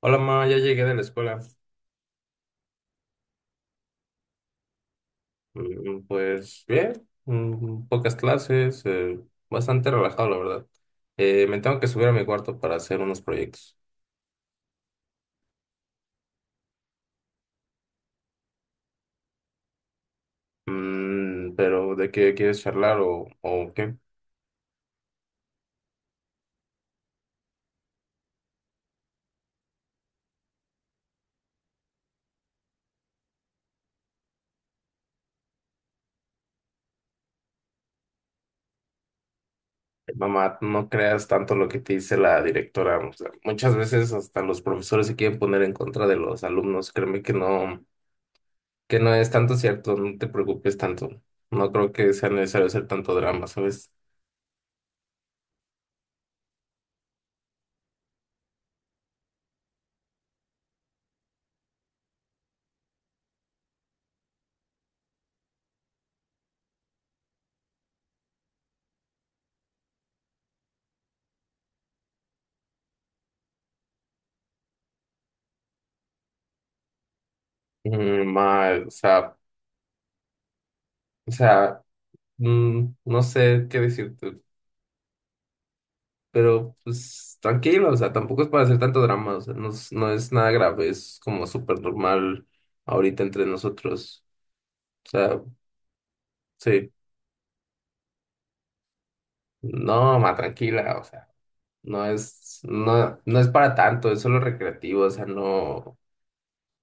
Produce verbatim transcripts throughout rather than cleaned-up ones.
Hola, ma, ya llegué de la escuela. Mm, Pues bien, mm, pocas clases, eh, bastante relajado, la verdad. Eh, me tengo que subir a mi cuarto para hacer unos proyectos. Mm, pero ¿de qué quieres charlar o, o qué? Mamá, no creas tanto lo que te dice la directora. O sea, muchas veces hasta los profesores se quieren poner en contra de los alumnos. Créeme que no, que no es tanto cierto, no te preocupes tanto. No creo que sea necesario hacer tanto drama, ¿sabes? Mm, ma, o sea... O sea, mm, no sé qué decirte, pero pues tranquilo, o sea, tampoco es para hacer tanto drama, o sea, no, es- no es nada grave, es como súper normal ahorita entre nosotros, o sea, sí, no, ma, tranquila, o sea, no es, no, no es para tanto, es solo recreativo, o sea, no,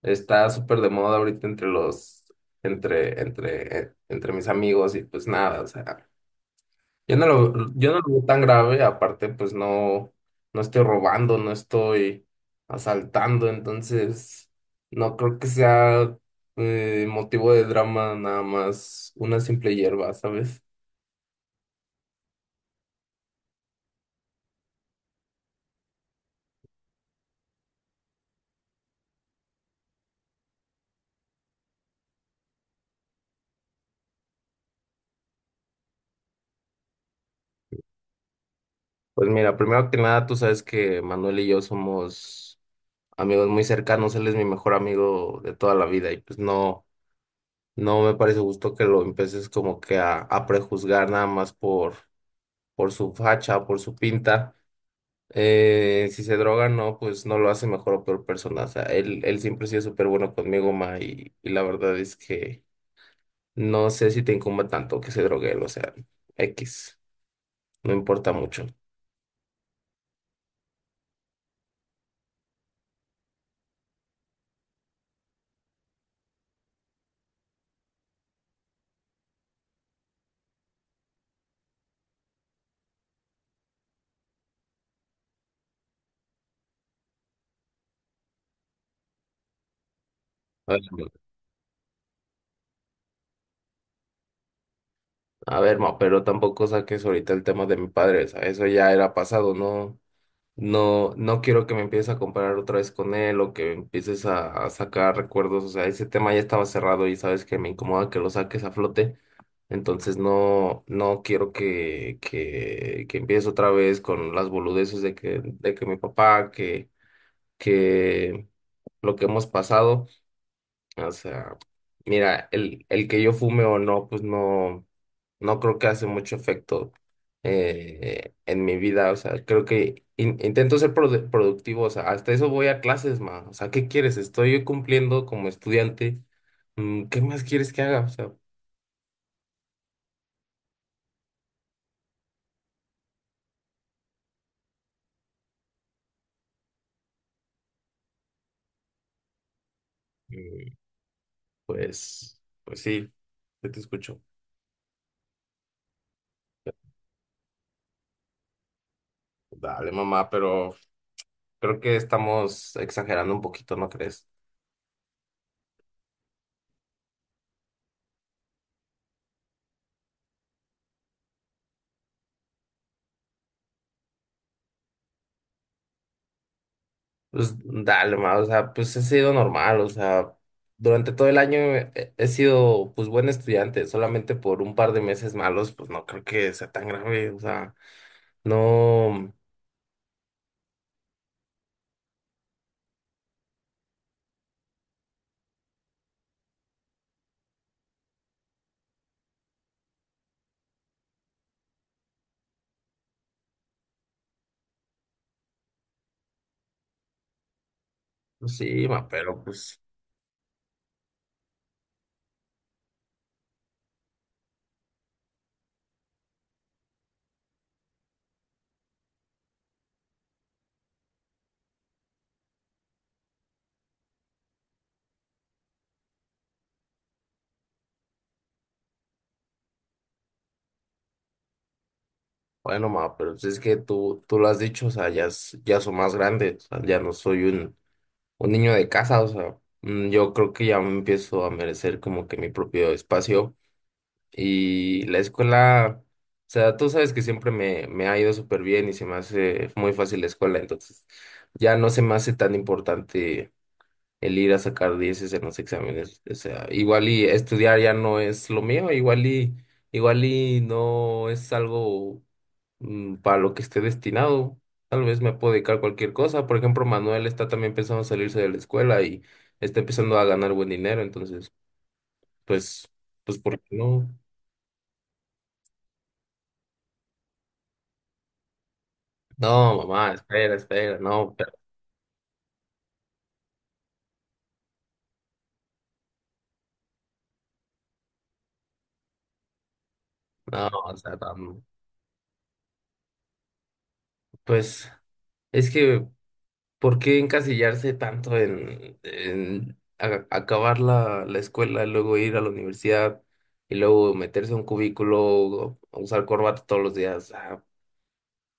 está súper de moda ahorita entre los, entre, entre, eh, entre mis amigos y pues nada, o sea. Yo no lo, yo no lo veo tan grave, aparte pues no, no estoy robando, no estoy asaltando, entonces no creo que sea eh, motivo de drama nada más una simple hierba, ¿sabes? Pues mira, primero que nada, tú sabes que Manuel y yo somos amigos muy cercanos, él es mi mejor amigo de toda la vida y pues no, no me parece justo que lo empieces como que a, a prejuzgar nada más por, por su facha, por su pinta. Eh, si se droga, no, pues no lo hace mejor o peor persona. O sea, él, él siempre ha sido súper bueno conmigo, ma, y, y la verdad es que no sé si te incumba tanto que se drogue él, o sea, X, no importa mucho. A ver, ma, a ver, ma, pero tampoco saques ahorita el tema de mi padre, o sea, eso ya era pasado, no, no, no quiero que me empieces a comparar otra vez con él o que empieces a, a sacar recuerdos, o sea, ese tema ya estaba cerrado y sabes que me incomoda que lo saques a flote. Entonces no, no quiero que, que, que empieces otra vez con las boludeces de que, de que mi papá, que, que lo que hemos pasado. O sea, mira, el, el que yo fume o no, pues no, no creo que hace mucho efecto eh, en mi vida. O sea, creo que in- intento ser produ- productivo. O sea, hasta eso voy a clases, ma. O sea, ¿qué quieres? Estoy cumpliendo como estudiante. Mm, ¿Qué más quieres que haga? O sea, Pues, pues sí, yo te escucho. Dale, mamá, pero creo que estamos exagerando un poquito, ¿no crees? Pues dale, mamá, o sea, pues he sido normal, o sea, durante todo el año he, he sido pues buen estudiante, solamente por un par de meses malos, pues no creo que sea tan grave, o sea, no, pues sí, ma, pero pues bueno, ma, pero si es que tú, tú lo has dicho, o sea, ya, s- ya soy más grande, o sea, ya no soy un... un niño de casa, o sea, mm, yo creo que ya me empiezo a merecer como que mi propio espacio y la escuela, o sea, tú sabes que siempre me, me ha ido súper bien y se me hace muy fácil la escuela, entonces ya no se me hace tan importante el ir a sacar dieces en los exámenes. O sea, igual y estudiar ya no es lo mío, igual y, igual y no es algo mm, para lo que esté destinado. Tal vez me puedo dedicar a cualquier cosa. Por ejemplo, Manuel está también pensando salirse de la escuela y está empezando a ganar buen dinero. Entonces, pues, pues, ¿por qué no? No, mamá, espera, espera, no, pero- no, o sea, tam- pues, es que ¿por qué encasillarse tanto en, en a- acabar la, la escuela y luego ir a la universidad y luego meterse a un cubículo, o usar corbata todos los días? Ah,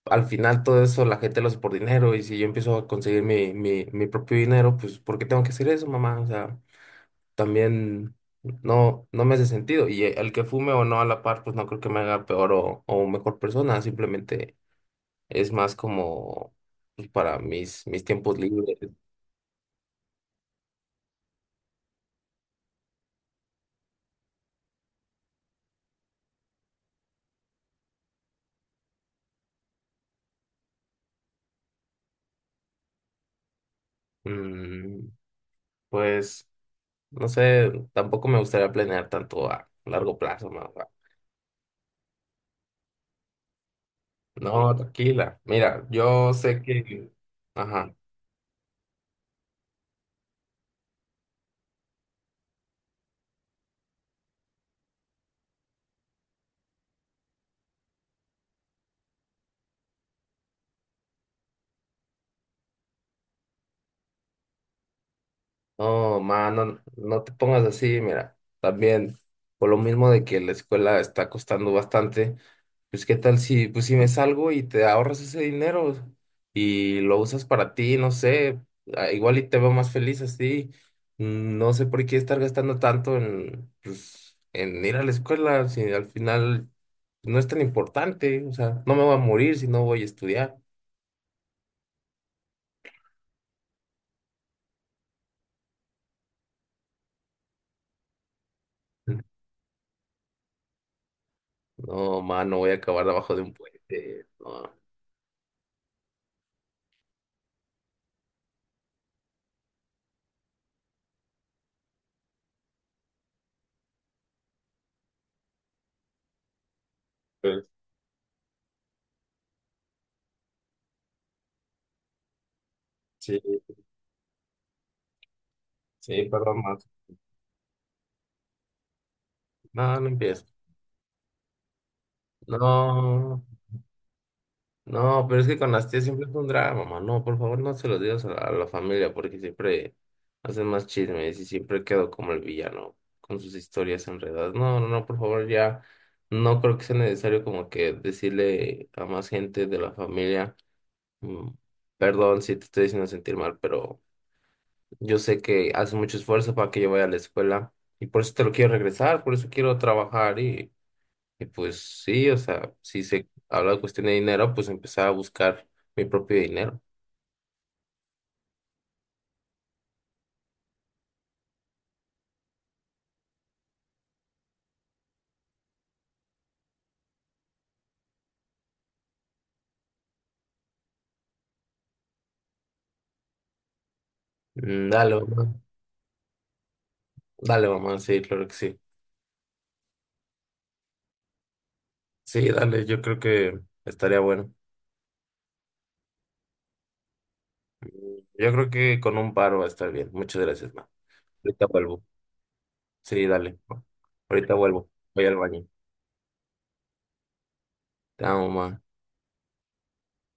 al final todo eso la gente lo hace por dinero y si yo empiezo a conseguir mi, mi, mi propio dinero, pues ¿por qué tengo que hacer eso, mamá? O sea, también no, no me hace sentido. Y el que fume o no a la par, pues no creo que me haga peor o, o mejor persona, simplemente es más como pues, para mis, mis tiempos libres. Mm, pues, no sé, tampoco me gustaría planear tanto a largo plazo, ma- ma- no, tranquila. Mira, yo sé que... Ajá. No, ma, no, no te pongas así, mira, también por lo mismo de que la escuela está costando bastante, pues qué tal si, pues si me salgo y te ahorras ese dinero y lo usas para ti, no sé, ah, igual y te veo más feliz así, Mm, no sé por qué estar gastando tanto en, pues, en ir a la escuela, si al final no es tan importante, o sea, no me voy a morir si no voy a estudiar. No, ma, no voy a acabar debajo de un puente, no. Pues, sí. Sí, perdón, Matt. No, no empiezo. No, no, pero es que con las tías siempre es un drama, mamá. No, por favor, no se los digas a, a la familia porque siempre hacen más chismes y siempre quedo como el villano con sus historias enredadas. No, no, no, por favor, ya no creo que sea necesario como que decirle a más gente de la familia, mm, perdón si te estoy haciendo sentir mal, pero yo sé que haces mucho esfuerzo para que yo vaya a la escuela y por eso te lo quiero regresar, por eso quiero trabajar. Y pues sí, o sea, si se habla de cuestión de dinero, pues empezar a buscar mi propio dinero. Mm, Dale, mamá. Dale, mamá, sí, claro que sí. Sí, dale, yo creo que estaría bueno. Yo creo que con un paro va a estar bien. Muchas gracias, mamá. Ahorita vuelvo. Sí, dale, ma. Ahorita vuelvo. Voy al baño. Te amo, mamá.